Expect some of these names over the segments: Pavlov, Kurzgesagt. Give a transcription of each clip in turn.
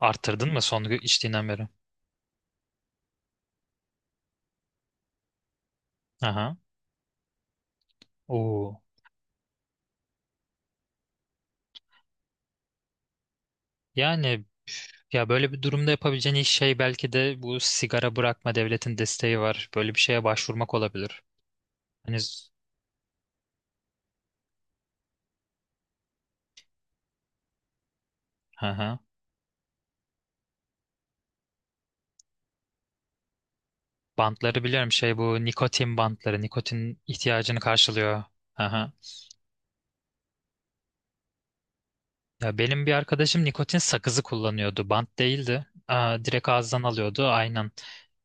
Artırdın mı son içtiğinden beri? Aha. Oo. Yani ya böyle bir durumda yapabileceğin ilk şey belki de bu sigara bırakma devletin desteği var. Böyle bir şeye başvurmak olabilir. Hani aha. Bantları biliyorum şey bu nikotin bantları. Nikotin ihtiyacını karşılıyor. Aha. Ya benim bir arkadaşım nikotin sakızı kullanıyordu. Bant değildi. Aa, direkt ağızdan alıyordu. Aynen.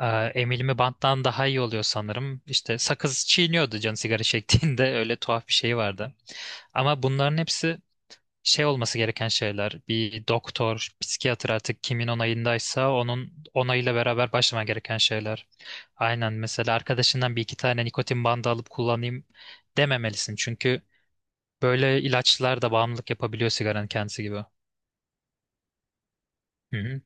Ee, emilimi banttan daha iyi oluyor sanırım. İşte sakız çiğniyordu canı sigara çektiğinde öyle tuhaf bir şey vardı. Ama bunların hepsi şey olması gereken şeyler. Bir doktor, psikiyatr artık kimin onayındaysa onun onayıyla beraber başlaman gereken şeyler. Aynen mesela arkadaşından bir iki tane nikotin bandı alıp kullanayım dememelisin. Çünkü böyle ilaçlar da bağımlılık yapabiliyor sigaranın kendisi gibi. Hı hı.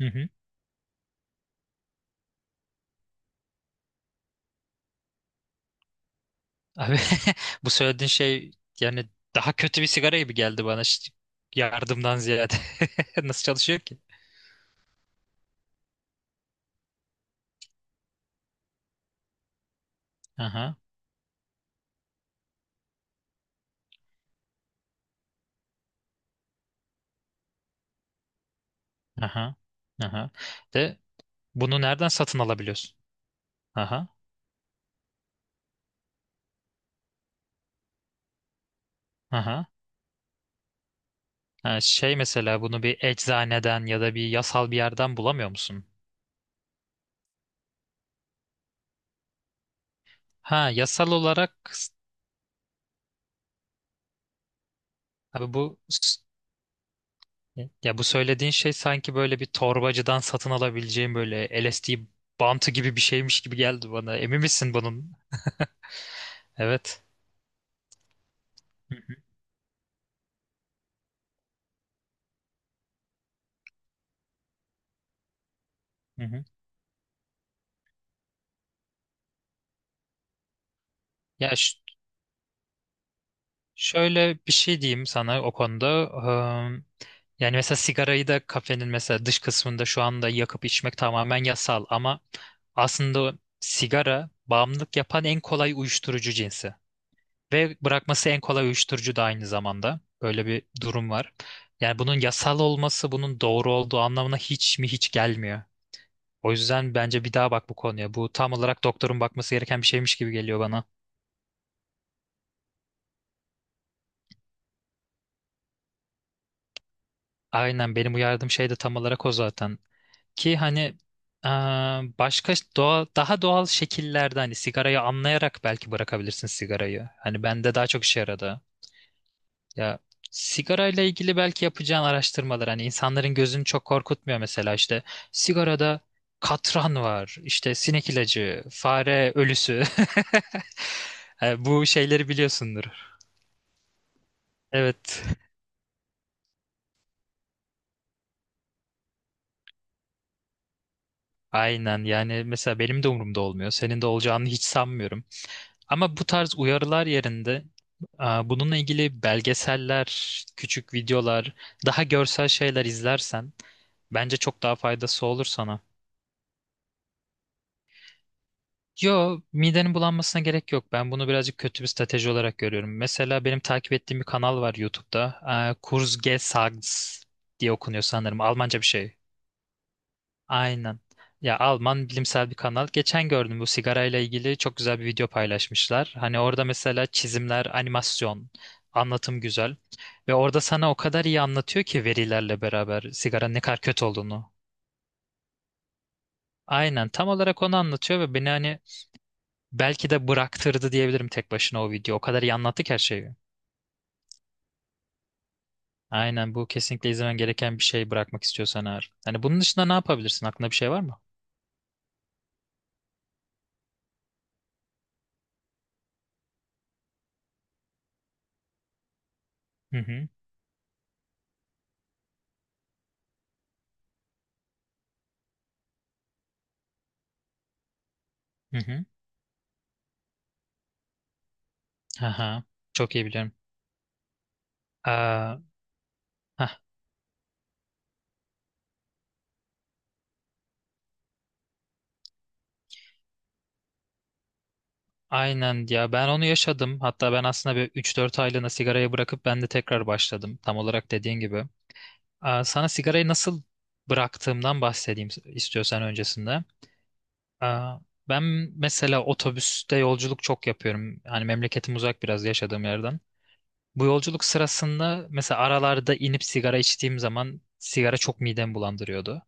Hı hı. Abi bu söylediğin şey yani daha kötü bir sigara gibi geldi bana. Yardımdan ziyade. Nasıl çalışıyor ki? Aha, aha, aha. De bunu nereden satın alabiliyorsun? Aha, aha. Ha, şey mesela bunu bir eczaneden ya da bir yasal bir yerden bulamıyor musun? Ha, yasal olarak abi bu ya bu söylediğin şey sanki böyle bir torbacıdan satın alabileceğim böyle LSD bantı gibi bir şeymiş gibi geldi bana. Emin misin bunun? Evet. Ya şöyle bir şey diyeyim sana o konuda. Eee, Yani mesela sigarayı da kafenin mesela dış kısmında şu anda yakıp içmek tamamen yasal ama aslında sigara bağımlılık yapan en kolay uyuşturucu cinsi. Ve bırakması en kolay uyuşturucu da aynı zamanda. Böyle bir durum var. Yani bunun yasal olması bunun doğru olduğu anlamına hiç mi hiç gelmiyor. O yüzden bence bir daha bak bu konuya. Bu tam olarak doktorun bakması gereken bir şeymiş gibi geliyor bana. Aynen benim uyardığım şey de tam olarak o zaten. Ki hani e, daha doğal şekillerde hani sigarayı anlayarak belki bırakabilirsin sigarayı. Hani bende daha çok işe yaradı. Ya sigarayla ilgili belki yapacağın araştırmalar hani insanların gözünü çok korkutmuyor mesela işte sigarada katran var, işte sinek ilacı, fare ölüsü. Bu şeyleri biliyorsundur. Evet, aynen. Yani mesela benim de umurumda olmuyor. Senin de olacağını hiç sanmıyorum. Ama bu tarz uyarılar yerinde aa, bununla ilgili belgeseller, küçük videolar, daha görsel şeyler izlersen bence çok daha faydası olur sana. Yo, midenin bulanmasına gerek yok. Ben bunu birazcık kötü bir strateji olarak görüyorum. Mesela benim takip ettiğim bir kanal var YouTube'da. Aa, Kurzgesagt diye okunuyor sanırım. Almanca bir şey. Aynen. Ya Alman bilimsel bir kanal. Geçen gördüm bu sigarayla ilgili çok güzel bir video paylaşmışlar. Hani orada mesela çizimler, animasyon, anlatım güzel. Ve orada sana o kadar iyi anlatıyor ki verilerle beraber sigaranın ne kadar kötü olduğunu. Aynen tam olarak onu anlatıyor ve beni hani belki de bıraktırdı diyebilirim tek başına o video. O kadar iyi anlattı ki her şeyi. Aynen bu kesinlikle izlemen gereken bir şey bırakmak istiyorsan eğer. Hani bunun dışında ne yapabilirsin? Aklında bir şey var mı? Hı hı. Hı hı. Aha. Çok iyi biliyorum. Aa, aynen ya ben onu yaşadım. Hatta ben aslında bir 3-4 aylığına sigarayı bırakıp ben de tekrar başladım. Tam olarak dediğin gibi. Aa, sana sigarayı nasıl bıraktığımdan bahsedeyim istiyorsan öncesinde. Aa, ben mesela otobüste yolculuk çok yapıyorum. Hani memleketim uzak biraz yaşadığım yerden. Bu yolculuk sırasında mesela aralarda inip sigara içtiğim zaman sigara çok midemi bulandırıyordu.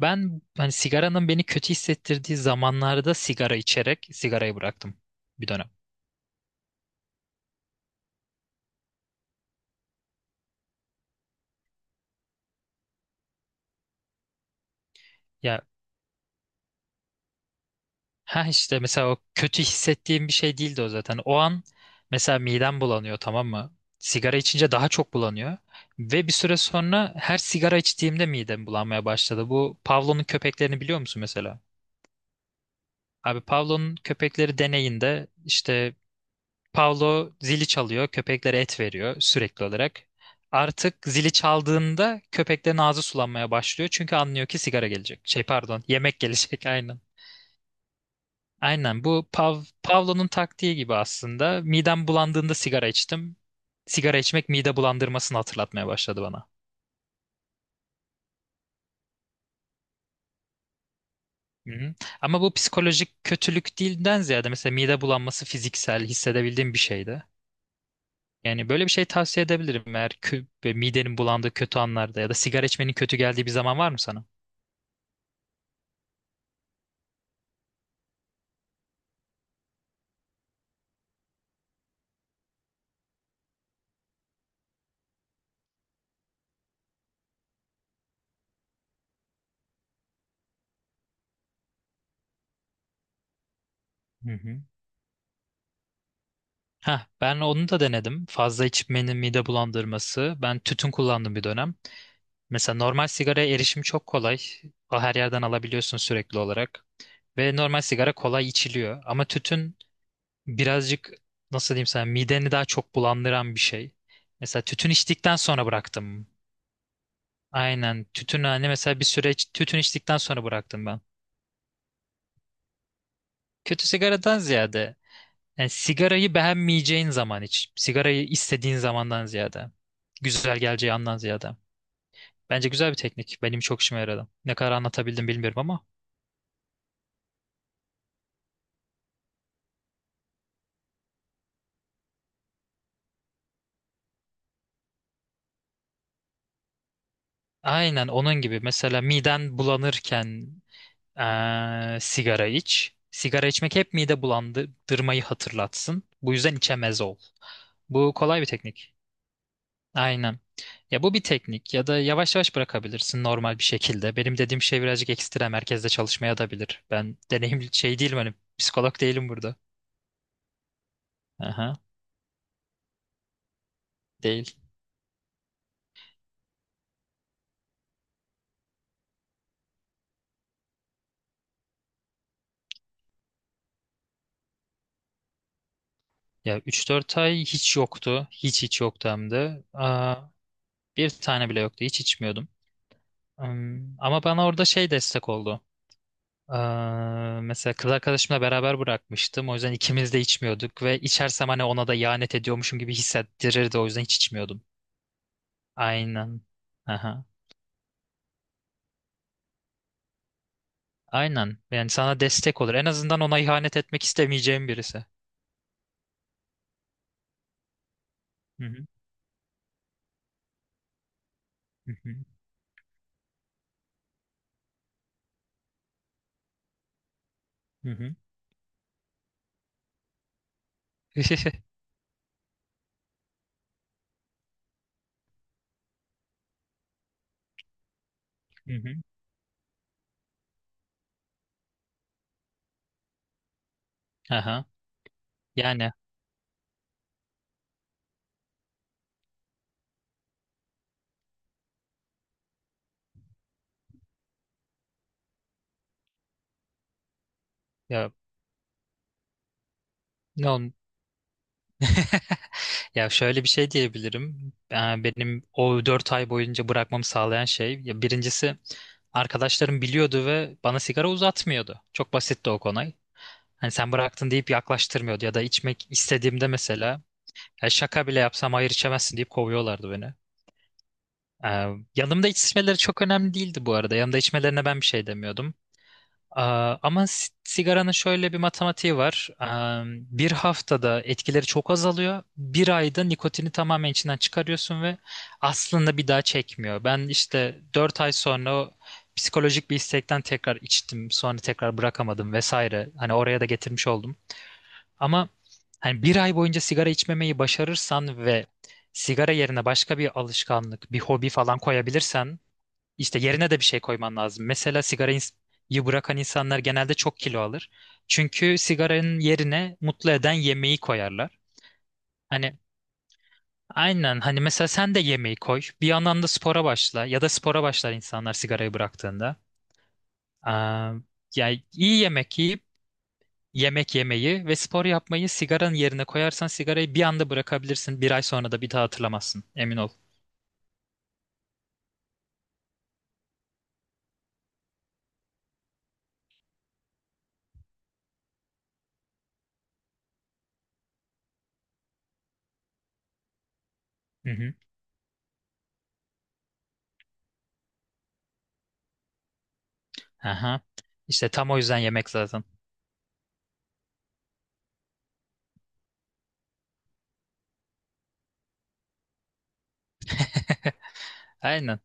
Ben hani sigaranın beni kötü hissettirdiği zamanlarda sigara içerek sigarayı bıraktım bir dönem. Ya ha işte mesela o kötü hissettiğim bir şey değildi o zaten. O an mesela midem bulanıyor, tamam mı? Sigara içince daha çok bulanıyor. Ve bir süre sonra her sigara içtiğimde midem bulanmaya başladı. Bu Pavlov'un köpeklerini biliyor musun mesela? Abi Pavlov'un köpekleri deneyinde işte Pavlov zili çalıyor, köpeklere et veriyor sürekli olarak. Artık zili çaldığında köpeklerin ağzı sulanmaya başlıyor çünkü anlıyor ki sigara gelecek. Şey pardon, yemek gelecek aynen. Aynen bu Pavlo'nun taktiği gibi aslında. Midem bulandığında sigara içtim. Sigara içmek mide bulandırmasını hatırlatmaya başladı bana. Hı-hı. Ama bu psikolojik kötülük değilden ziyade mesela mide bulanması fiziksel hissedebildiğim bir şeydi. Yani böyle bir şey tavsiye edebilirim eğer ve midenin bulandığı kötü anlarda ya da sigara içmenin kötü geldiği bir zaman var mı sana? Hı hı. Heh, ben onu da denedim. Fazla içmenin mide bulandırması. Ben tütün kullandım bir dönem. Mesela normal sigaraya erişim çok kolay. Her yerden alabiliyorsun sürekli olarak. Ve normal sigara kolay içiliyor. Ama tütün birazcık nasıl diyeyim sana mideni daha çok bulandıran bir şey. Mesela tütün içtikten sonra bıraktım. Aynen tütün hani mesela bir süreç tütün içtikten sonra bıraktım ben. Kötü sigaradan ziyade yani sigarayı beğenmeyeceğin zaman iç. Sigarayı istediğin zamandan ziyade. Güzel geleceği andan ziyade. Bence güzel bir teknik. Benim çok işime yaradı. Ne kadar anlatabildim bilmiyorum ama. Aynen onun gibi. Mesela miden bulanırken sigara iç. Sigara içmek hep mide bulandırmayı hatırlatsın. Bu yüzden içemez ol. Bu kolay bir teknik. Aynen. Ya bu bir teknik ya da yavaş yavaş bırakabilirsin normal bir şekilde. Benim dediğim şey birazcık ekstrem merkezde çalışmaya da bilir. Ben deneyim şey değilim hani psikolog değilim burada. Aha, değil. Ya 3-4 ay hiç yoktu. Hiç hiç yoktu hem de. Aa, bir tane bile yoktu. Hiç içmiyordum. Hmm, ama bana orada şey destek oldu. Mesela kız arkadaşımla beraber bırakmıştım. O yüzden ikimiz de içmiyorduk ve içersem hani ona da ihanet ediyormuşum gibi hissettirirdi. O yüzden hiç içmiyordum. Aynen. Aha. Aynen. Yani sana destek olur. En azından ona ihanet etmek istemeyeceğim birisi. Hı hı. Hı hı. Hı hı. Hı hı. Aha. Yani ya ne ol Ya şöyle bir şey diyebilirim. Benim o 4 ay boyunca bırakmamı sağlayan şey, ya birincisi arkadaşlarım biliyordu ve bana sigara uzatmıyordu. Çok basitti o konu. Hani sen bıraktın deyip yaklaştırmıyordu ya da içmek istediğimde mesela ya şaka bile yapsam hayır içemezsin deyip kovuyorlardı beni. Ee, yanımda içmeleri çok önemli değildi bu arada. Yanımda içmelerine ben bir şey demiyordum. Aa, ama sigaranın şöyle bir matematiği var. Bir haftada etkileri çok azalıyor. Bir ayda nikotini tamamen içinden çıkarıyorsun ve aslında bir daha çekmiyor. Ben işte 4 ay sonra o psikolojik bir istekten tekrar içtim. Sonra tekrar bırakamadım vesaire. Hani oraya da getirmiş oldum. Ama hani bir ay boyunca sigara içmemeyi başarırsan ve sigara yerine başka bir alışkanlık, bir hobi falan koyabilirsen işte yerine de bir şey koyman lazım. Mesela sigarayı bırakan insanlar genelde çok kilo alır. Çünkü sigaranın yerine mutlu eden yemeği koyarlar. Hani aynen hani mesela sen de yemeği koy. Bir yandan da spora başla ya da spora başlar insanlar sigarayı bıraktığında. Aa, yani iyi yemek yiyip yemek yemeyi ve spor yapmayı sigaranın yerine koyarsan sigarayı bir anda bırakabilirsin. Bir ay sonra da bir daha hatırlamazsın. Emin ol. Hı hı. Aha. İşte tam o yüzden yemek zaten. Aynen.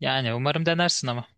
Yani umarım denersin ama.